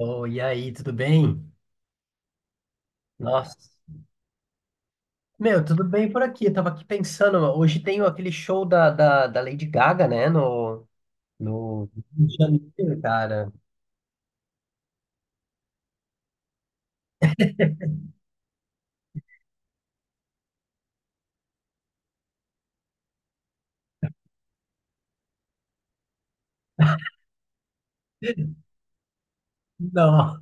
Oi, e aí, tudo bem? Nossa, meu, tudo bem por aqui. Eu tava aqui pensando, hoje tem aquele show da Lady Gaga, né? No, no Rio de Janeiro, cara. Não,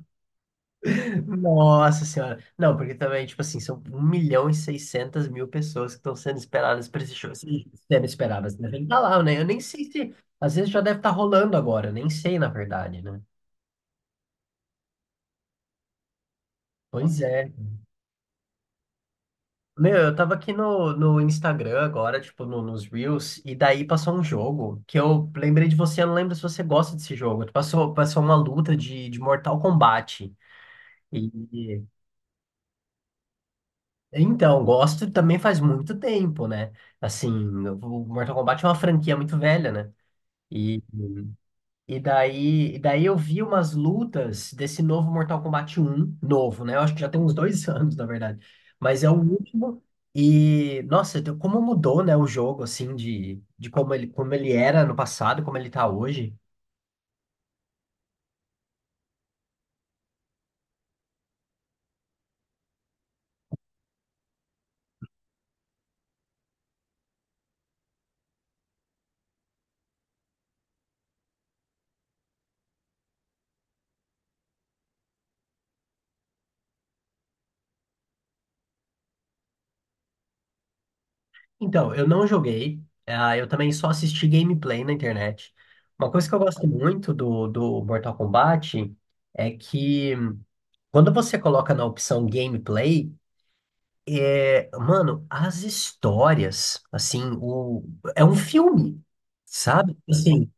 nossa senhora. Não, porque também, tipo assim, são 1.600.000 pessoas que estão sendo esperadas para esse show. Assim, sendo esperadas, né? Tem que tá lá, né? Eu nem sei se. Às vezes já deve estar rolando agora, nem sei, na verdade, né? Pois é. Meu, eu tava aqui no Instagram agora, tipo, nos Reels, e daí passou um jogo que eu lembrei de você, eu não lembro se você gosta desse jogo. Passou uma luta de Mortal Kombat. E, e- então, gosto também faz muito tempo, né? Assim, o Mortal Kombat é uma franquia muito velha, né? E e daí, eu vi umas lutas desse novo Mortal Kombat um novo, né? Eu acho que já tem uns dois anos, na verdade. Mas é o último. E, nossa, como mudou, né, o jogo, assim, de como ele era no passado, como ele tá hoje. Então, eu não joguei. Eu também só assisti gameplay na internet. Uma coisa que eu gosto muito do Mortal Kombat é que quando você coloca na opção gameplay, mano, as histórias, assim, é um filme, sabe? Assim,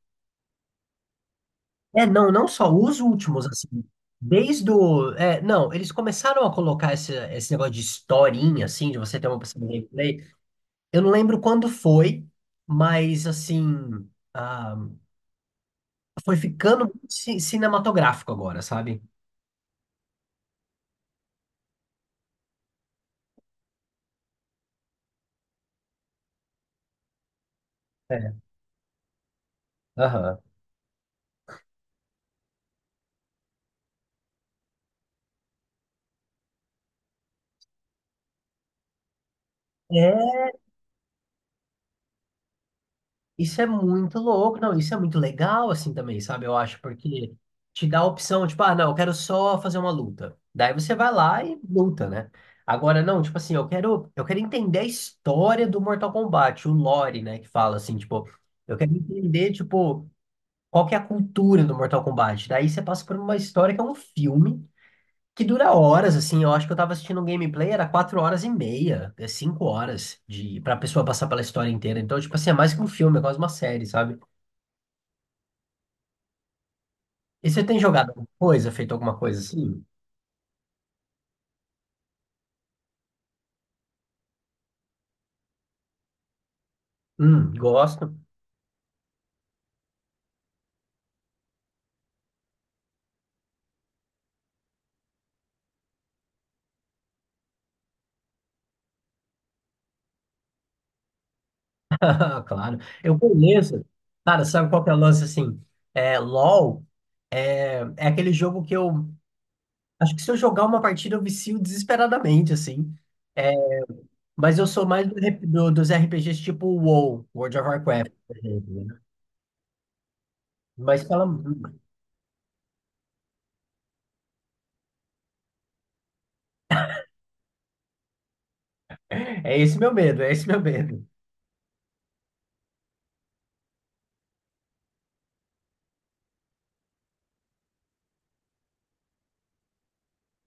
é, não, não só os últimos, assim, é, não, eles começaram a colocar esse negócio de historinha, assim, de você ter uma pessoa de gameplay. Eu não lembro quando foi, mas, assim, ah, foi ficando cinematográfico agora, sabe? É, aham. É, isso é muito louco, não, isso é muito legal assim também, sabe? Eu acho, porque te dá a opção, tipo, ah, não, eu quero só fazer uma luta. Daí você vai lá e luta, né? Agora, não, tipo assim, eu quero entender a história do Mortal Kombat, o lore, né, que fala assim, tipo, eu quero entender, tipo, qual que é a cultura do Mortal Kombat. Daí você passa por uma história que é um filme que dura horas, assim, eu acho que eu tava assistindo um gameplay, era 4 horas e meia, é 5 horas pra pessoa passar pela história inteira. Então, tipo assim, é mais que um filme, é quase uma série, sabe? E você tem jogado alguma coisa, feito alguma coisa assim? Gosto. Ah, claro. Eu conheço. Cara, sabe qual que é o lance assim? É, LOL é aquele jogo que eu. Acho que se eu jogar uma partida, eu vicio desesperadamente, assim. É, mas eu sou mais dos RPGs tipo WoW, World of Warcraft, por exemplo, né? Mas fala. É esse meu medo, é esse meu medo.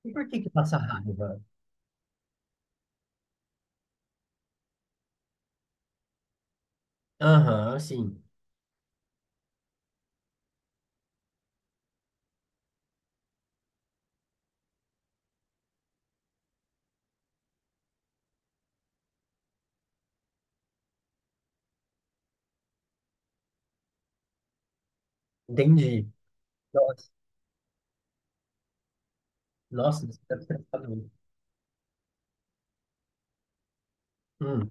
E por que que passa raiva? Aham, sim. Entendi. Nossa, nossa, você deve ter. Hum,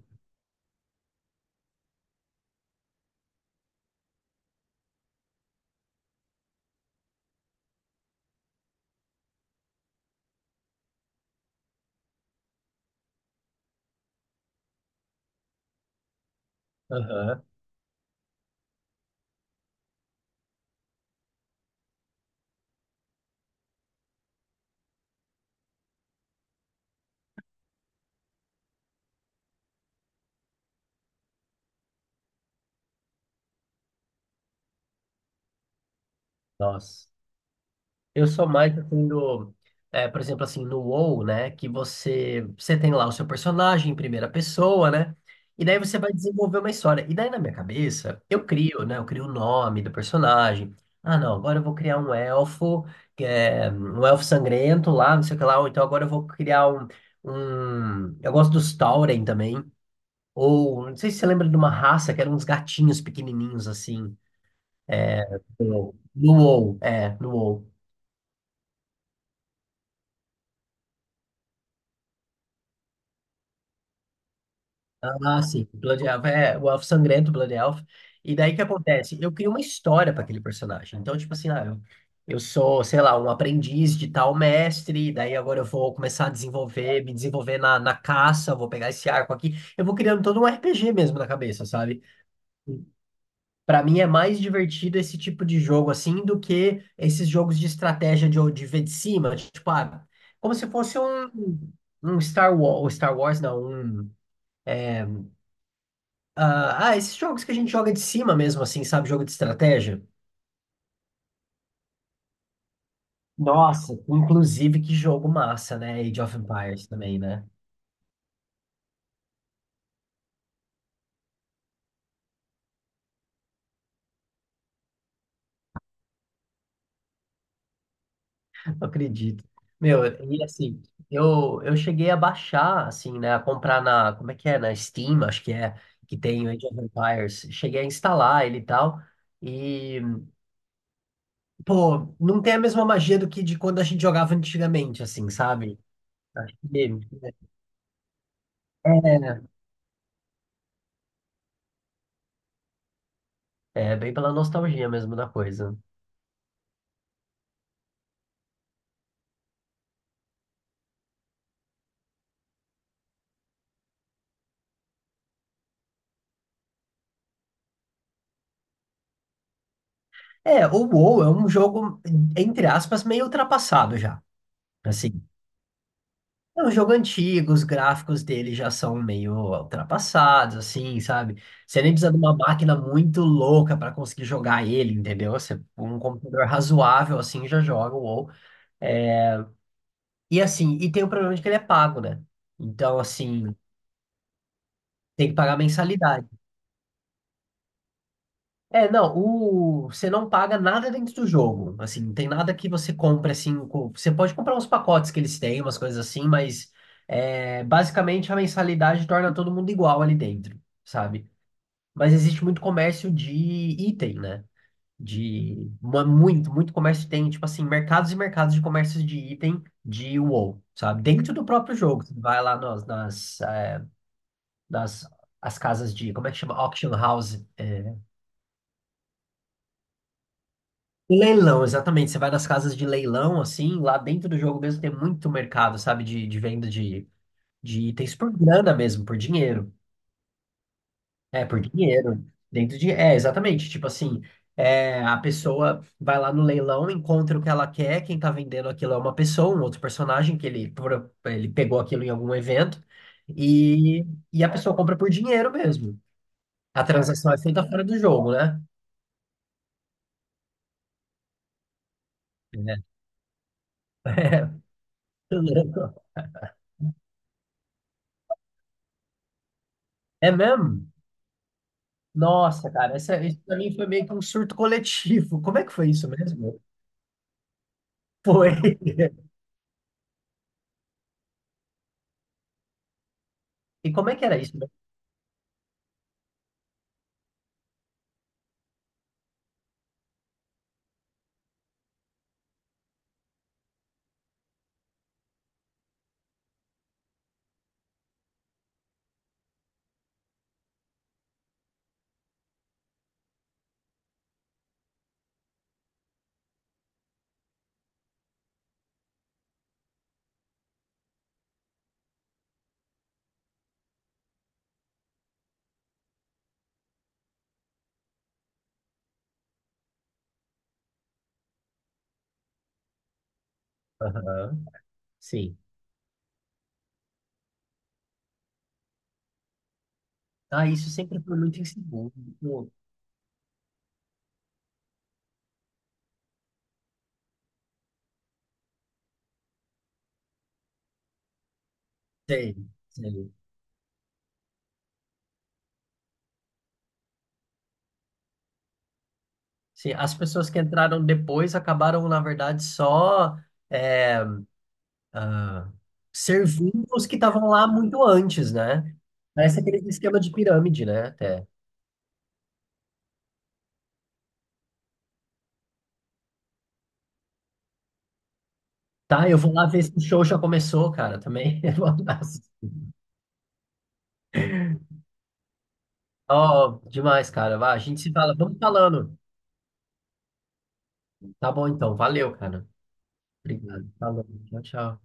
aham, nossa. Eu sou mais assim por exemplo, assim, no WoW, né? Que você tem lá o seu personagem em primeira pessoa, né? E daí você vai desenvolver uma história. E daí na minha cabeça, eu crio, né? Eu crio o nome do personagem. Ah, não, agora eu vou criar um elfo, que é um elfo sangrento lá, não sei o que lá. Ou então agora eu vou criar Eu gosto dos Tauren também. Ou, não sei se você lembra de uma raça que eram uns gatinhos pequenininhos assim. No WoW, no WoW. Ah, sim. Blood Elf é o Elfo Sangrento, Blood Elf. E daí o que acontece? Eu crio uma história para aquele personagem. Então, tipo assim, eu sou, sei lá, um aprendiz de tal mestre, daí agora eu vou começar a me desenvolver na caça, vou pegar esse arco aqui. Eu vou criando todo um RPG mesmo na cabeça, sabe? Pra mim é mais divertido esse tipo de jogo assim do que esses jogos de estratégia de ver de cima, tipo, ah, como se fosse um Star Wars, Star Wars não, esses jogos que a gente joga de cima mesmo, assim, sabe? Jogo de estratégia. Nossa, inclusive que jogo massa, né? Age of Empires também, né? Não acredito. Meu, e assim, eu cheguei a baixar, assim, né? A comprar na, como é que é? Na Steam, acho que é, que tem o Age of Empires. Cheguei a instalar ele e tal. E, pô, não tem a mesma magia do que de quando a gente jogava antigamente, assim, sabe? Acho que é, é bem pela nostalgia mesmo da coisa. É, o WoW é um jogo, entre aspas, meio ultrapassado já. Assim, é um jogo antigo, os gráficos dele já são meio ultrapassados, assim, sabe? Você nem precisa de uma máquina muito louca para conseguir jogar ele, entendeu? Você, um computador razoável, assim, já joga o WoW. E assim, e tem o problema de que ele é pago, né? Então, assim, tem que pagar mensalidade. É, não, você não paga nada dentro do jogo. Assim, não tem nada que você compre assim. Você pode comprar uns pacotes que eles têm, umas coisas assim, mas basicamente a mensalidade torna todo mundo igual ali dentro, sabe? Mas existe muito comércio de item, né? De muito, muito comércio tem, tipo assim, mercados e mercados de comércio de item de WoW, sabe? Dentro do próprio jogo. Você vai lá nas, nas, eh, nas as casas de, como é que chama? Auction House. Leilão, exatamente. Você vai nas casas de leilão, assim, lá dentro do jogo mesmo tem muito mercado, sabe, de venda de itens por grana mesmo, por dinheiro. É, por dinheiro. Dentro de. É, exatamente. Tipo assim, a pessoa vai lá no leilão, encontra o que ela quer, quem tá vendendo aquilo é uma pessoa, um outro personagem que ele pegou aquilo em algum evento, e, e a pessoa compra por dinheiro mesmo. A transação é feita fora do jogo, né? É, é mesmo? Nossa, cara, isso pra mim foi meio que um surto coletivo. Como é que foi isso mesmo? Foi. E como é que era isso mesmo? Aham, sim. Ah, isso sempre foi muito inseguro. Pô, sei, sei. Sim, as pessoas que entraram depois acabaram, na verdade, só é, ah, servindo os que estavam lá muito antes, né? Parece aquele esquema de pirâmide, né? Até. Tá, eu vou lá ver se o show já começou, cara, também. Um abraço. Ó, demais, cara. Vai, a gente se fala. Vamos falando. Tá bom então, valeu, cara. Obrigado. Falou. Tchau, tchau.